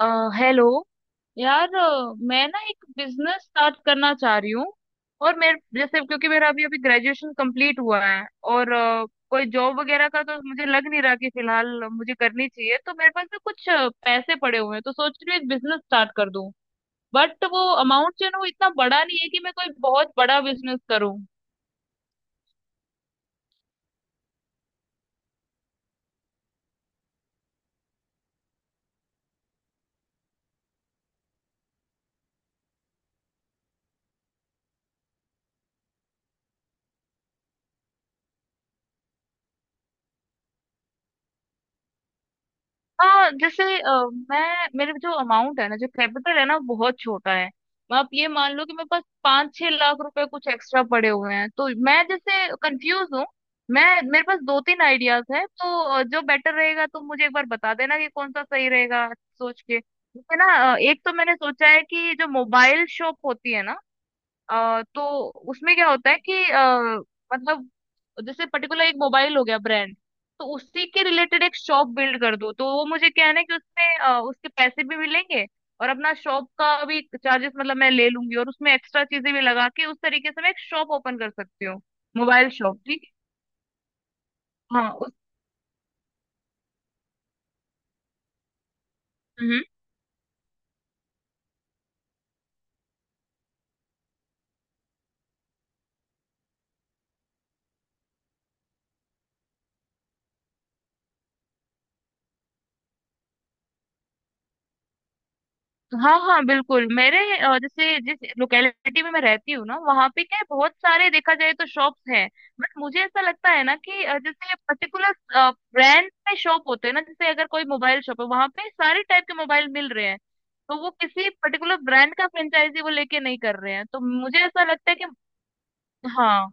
अ, hello यार, मैं ना एक बिजनेस स्टार्ट करना चाह रही हूँ। और मेरे जैसे, क्योंकि मेरा अभी अभी ग्रेजुएशन कंप्लीट हुआ है और कोई जॉब वगैरह का तो मुझे लग नहीं रहा कि फिलहाल मुझे करनी चाहिए। तो मेरे पास ना कुछ पैसे पड़े हुए हैं, तो सोच रही हूँ एक बिजनेस स्टार्ट कर दूँ। बट वो अमाउंट जो है ना, वो इतना बड़ा नहीं है कि मैं कोई बहुत बड़ा बिजनेस करूँ। हाँ, जैसे, मैं मेरे जो अमाउंट है ना, जो कैपिटल है ना, वो बहुत छोटा है। आप ये मान लो कि मेरे पास पाँच छह लाख रुपए कुछ एक्स्ट्रा पड़े हुए हैं, तो मैं जैसे कंफ्यूज हूँ। मैं, मेरे पास दो तीन आइडियाज हैं, तो जो बेटर रहेगा तुम मुझे एक बार बता देना कि कौन सा सही रहेगा, सोच के जैसे ना। एक तो मैंने सोचा है कि जो मोबाइल शॉप होती है ना अ, तो उसमें क्या होता है कि मतलब जैसे पर्टिकुलर एक मोबाइल हो गया ब्रांड, तो उसी के रिलेटेड एक शॉप बिल्ड कर दो, तो वो मुझे क्या है ना कि उसमें, उसके पैसे भी मिलेंगे और अपना शॉप का भी चार्जेस मतलब मैं ले लूंगी और उसमें एक्स्ट्रा चीजें भी लगा के उस तरीके से मैं एक शॉप ओपन कर सकती हूँ। मोबाइल शॉप, ठीक है? हाँ। उस हाँ हाँ, बिल्कुल। मेरे, जैसे जिस लोकेलिटी में मैं रहती हूँ ना, वहाँ पे क्या है, बहुत सारे देखा जाए तो शॉप्स हैं। बट मुझे ऐसा लगता है ना कि, जैसे पर्टिकुलर ब्रांड में शॉप होते हैं ना, जैसे अगर कोई मोबाइल शॉप है, वहाँ पे सारे टाइप के मोबाइल मिल रहे हैं, तो वो किसी पर्टिकुलर ब्रांड का फ्रेंचाइजी वो लेके नहीं कर रहे हैं, तो मुझे ऐसा लगता है कि हाँ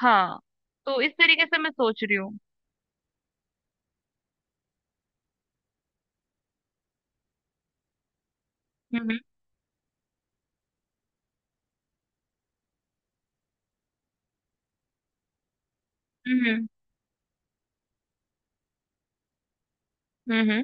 हाँ। तो इस तरीके से मैं सोच रही हूँ। हम्म हम्म हम्म हम्म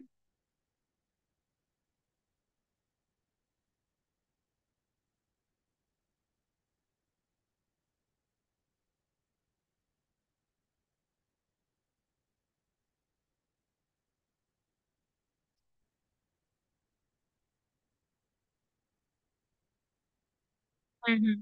हम्म हम्म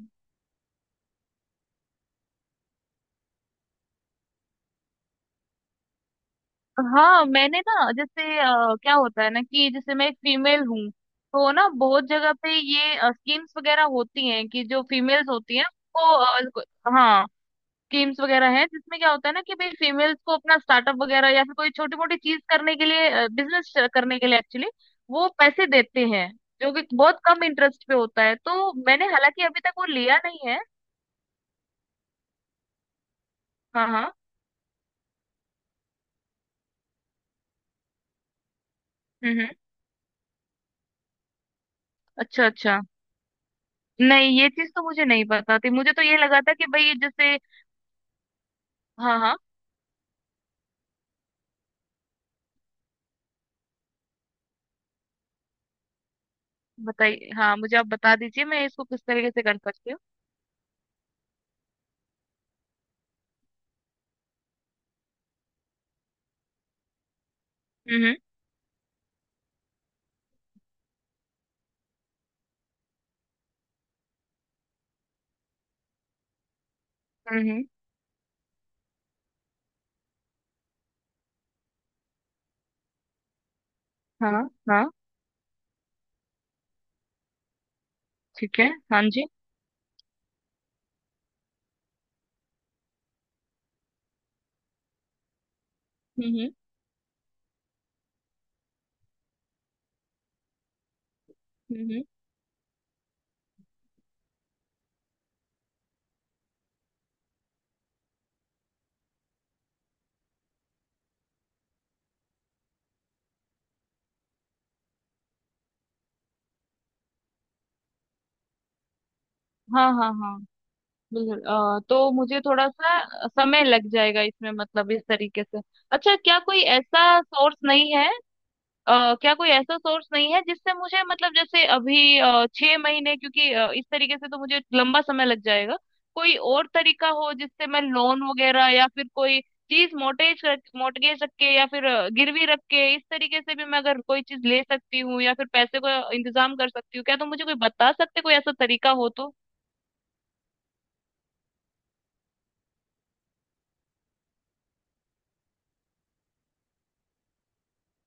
हाँ, मैंने ना, जैसे, क्या होता है ना, कि जैसे मैं एक फीमेल हूँ, तो ना बहुत जगह पे ये स्कीम्स वगैरह होती हैं कि जो फीमेल्स होती हैं उनको, हाँ, स्कीम्स वगैरह हैं, जिसमें क्या होता है ना कि भाई फीमेल्स को अपना स्टार्टअप वगैरह या फिर कोई छोटी मोटी चीज करने के लिए, बिजनेस करने के लिए एक्चुअली वो पैसे देते हैं, जो कि बहुत कम इंटरेस्ट पे होता है। तो मैंने हालांकि अभी तक वो लिया नहीं है। हाँ हाँ। हम्म हम्म अच्छा अच्छा, नहीं ये चीज तो मुझे नहीं पता थी, मुझे तो ये लगा था कि भाई जैसे हाँ हाँ। बताइए, हाँ, मुझे आप बता दीजिए मैं इसको किस तरीके से कर सकती हूँ। हम्म हम्म हम्म, हाँ हाँ। ठीक है। हाँ जी। हम्म हम्म हम्म, हाँ हाँ हाँ, बिल्कुल। तो मुझे थोड़ा सा समय लग जाएगा इसमें, मतलब इस तरीके से। अच्छा, क्या कोई ऐसा सोर्स नहीं है, क्या कोई ऐसा सोर्स नहीं है जिससे मुझे, मतलब जैसे अभी, छह महीने क्योंकि, इस तरीके से तो मुझे लंबा समय लग जाएगा। कोई और तरीका हो जिससे मैं लोन वगैरह या फिर कोई चीज मोटेज रख मोटगेज रख के या फिर, गिरवी रख के, इस तरीके से भी मैं अगर कोई चीज ले सकती हूँ या फिर पैसे को इंतजाम कर सकती हूँ, क्या तुम मुझे कोई बता सकते, कोई ऐसा तरीका हो तो।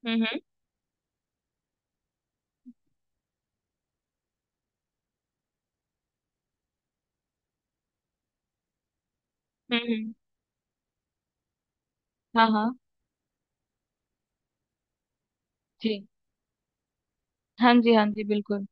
हम्म हम्म हम्म हम्म। हाँ। हाँ जी। हाँ जी। हाँ जी, बिल्कुल।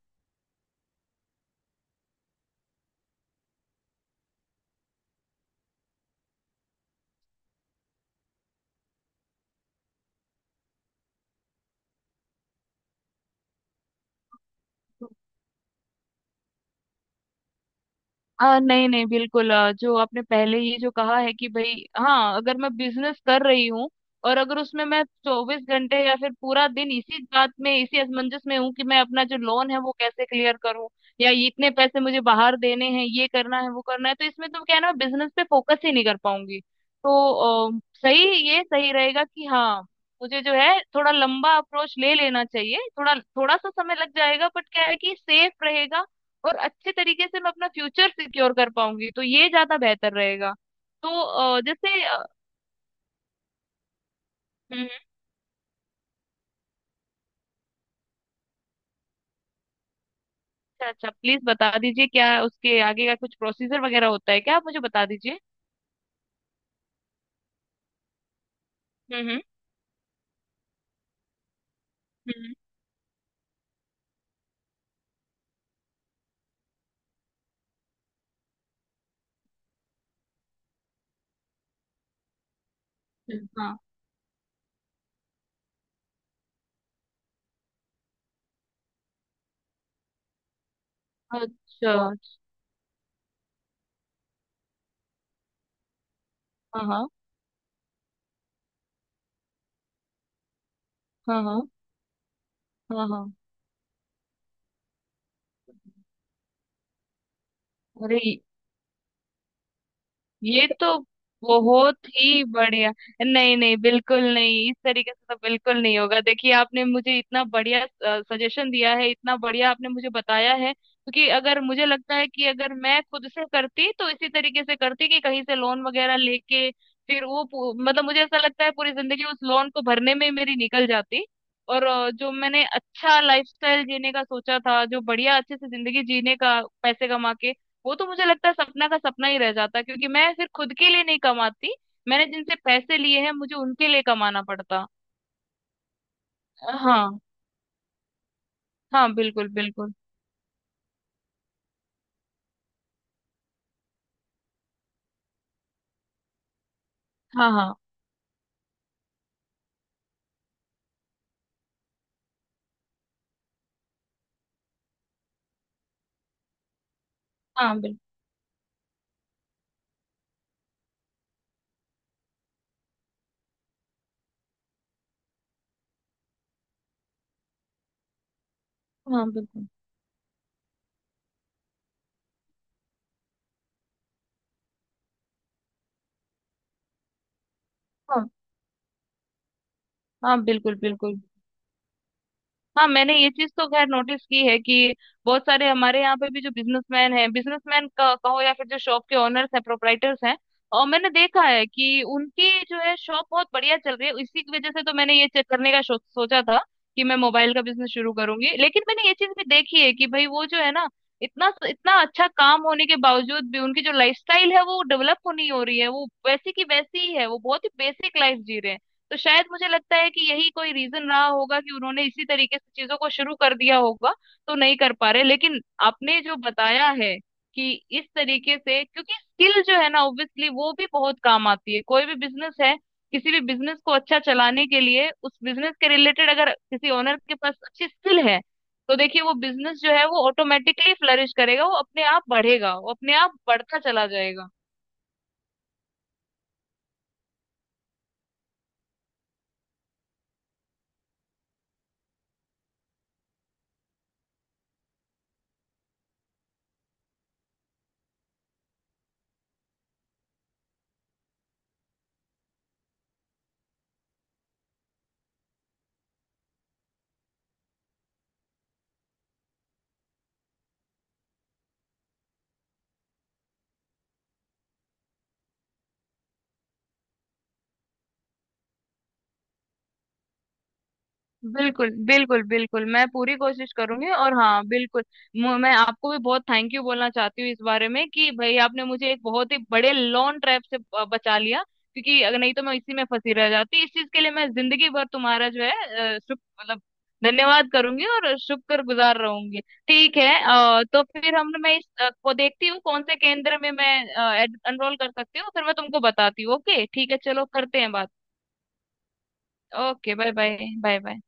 नहीं नहीं, बिल्कुल, जो आपने पहले ये जो कहा है कि भाई, हाँ, अगर मैं बिजनेस कर रही हूँ और अगर उसमें मैं चौबीस घंटे या फिर पूरा दिन इसी बात में, इसी असमंजस में हूँ कि मैं अपना जो लोन है वो कैसे क्लियर करूँ या ये इतने पैसे मुझे बाहर देने हैं, ये करना है वो करना है, तो इसमें तो क्या है ना, मैं बिजनेस पे फोकस ही नहीं कर पाऊंगी। तो आ, सही, ये सही रहेगा कि हाँ, मुझे जो है थोड़ा लंबा अप्रोच ले लेना चाहिए, थोड़ा थोड़ा सा समय लग जाएगा बट क्या है कि सेफ रहेगा और अच्छे तरीके से मैं अपना फ्यूचर सिक्योर कर पाऊंगी, तो ये ज्यादा बेहतर रहेगा। तो अ, जैसे अ, हम्म, हम्म, अच्छा अच्छा, प्लीज बता दीजिए, क्या उसके आगे का कुछ प्रोसीजर वगैरह होता है, क्या आप मुझे बता दीजिए। हम्म हम्म हम्म, हाँ। अच्छा अच्छा, हाँ हाँ। हाँ हाँ। हाँ हाँ। अरे, ये तो बहुत ही बढ़िया। नहीं नहीं, बिल्कुल नहीं, इस तरीके से तो बिल्कुल नहीं होगा। देखिए, आपने मुझे इतना बढ़िया सजेशन दिया है, इतना बढ़िया आपने मुझे बताया है, क्योंकि अगर मुझे लगता है कि अगर मैं खुद से करती तो इसी तरीके से करती, कि कहीं से लोन वगैरह लेके, फिर वो मतलब मुझे ऐसा लगता है पूरी जिंदगी उस लोन को भरने में ही मेरी निकल जाती। और, जो मैंने अच्छा लाइफस्टाइल जीने का सोचा था, जो बढ़िया अच्छे से जिंदगी जीने का पैसे कमा के, वो तो मुझे लगता है सपना का सपना ही रह जाता, क्योंकि मैं फिर खुद के लिए नहीं कमाती, मैंने जिनसे पैसे लिए हैं मुझे उनके लिए कमाना पड़ता। हाँ हाँ। बिल्कुल बिल्कुल। हाँ हाँ हाँ, बिल्कुल। हाँ, बिल्कुल। हाँ हाँ, बिल्कुल बिल्कुल। हाँ, मैंने ये चीज तो खैर नोटिस की है कि बहुत सारे हमारे यहाँ पे भी जो बिजनेसमैन हैं, बिजनेसमैन का कहो या फिर जो शॉप के ओनर्स हैं, प्रोपराइटर्स हैं, और मैंने देखा है कि उनकी जो है शॉप बहुत बढ़िया चल रही है, इसी की वजह से तो मैंने ये चेक करने का सोचा था कि मैं मोबाइल का बिजनेस शुरू करूंगी। लेकिन मैंने ये चीज भी देखी है कि भाई वो जो है ना, इतना इतना अच्छा काम होने के बावजूद भी उनकी जो लाइफस्टाइल है वो डेवलप होनी हो रही है, वो वैसी की वैसी ही है, वो बहुत ही बेसिक लाइफ जी रहे हैं। तो शायद मुझे लगता है कि यही कोई रीजन रहा होगा कि उन्होंने इसी तरीके से चीजों को शुरू कर दिया होगा, तो नहीं कर पा रहे। लेकिन आपने जो बताया है कि इस तरीके से, क्योंकि स्किल जो है ना ऑब्वियसली वो भी बहुत काम आती है, कोई भी बिजनेस है, किसी भी बिजनेस को अच्छा चलाने के लिए उस बिजनेस के रिलेटेड अगर किसी ओनर के पास अच्छी स्किल है, तो देखिए वो बिजनेस जो है वो ऑटोमेटिकली फ्लरिश करेगा, वो अपने आप बढ़ेगा, वो अपने आप बढ़ता चला जाएगा। बिल्कुल बिल्कुल बिल्कुल, मैं पूरी कोशिश करूंगी, और हाँ, बिल्कुल। मैं आपको भी बहुत थैंक यू बोलना चाहती हूँ इस बारे में, कि भाई आपने मुझे एक बहुत ही बड़े लॉन्ग ट्रैप से बचा लिया, क्योंकि अगर नहीं तो मैं इसी में फंसी रह जाती। इस चीज के लिए मैं जिंदगी भर तुम्हारा जो है, शुभ, मतलब धन्यवाद करूंगी और शुक्र गुजार रहूंगी। ठीक है, तो फिर हम मैं इस, को देखती हूँ कौन से केंद्र में मैं एनरोल कर सकती हूँ, फिर मैं तुमको बताती हूँ। ओके, ठीक है, चलो करते हैं बात। Okay bye bye. Bye bye.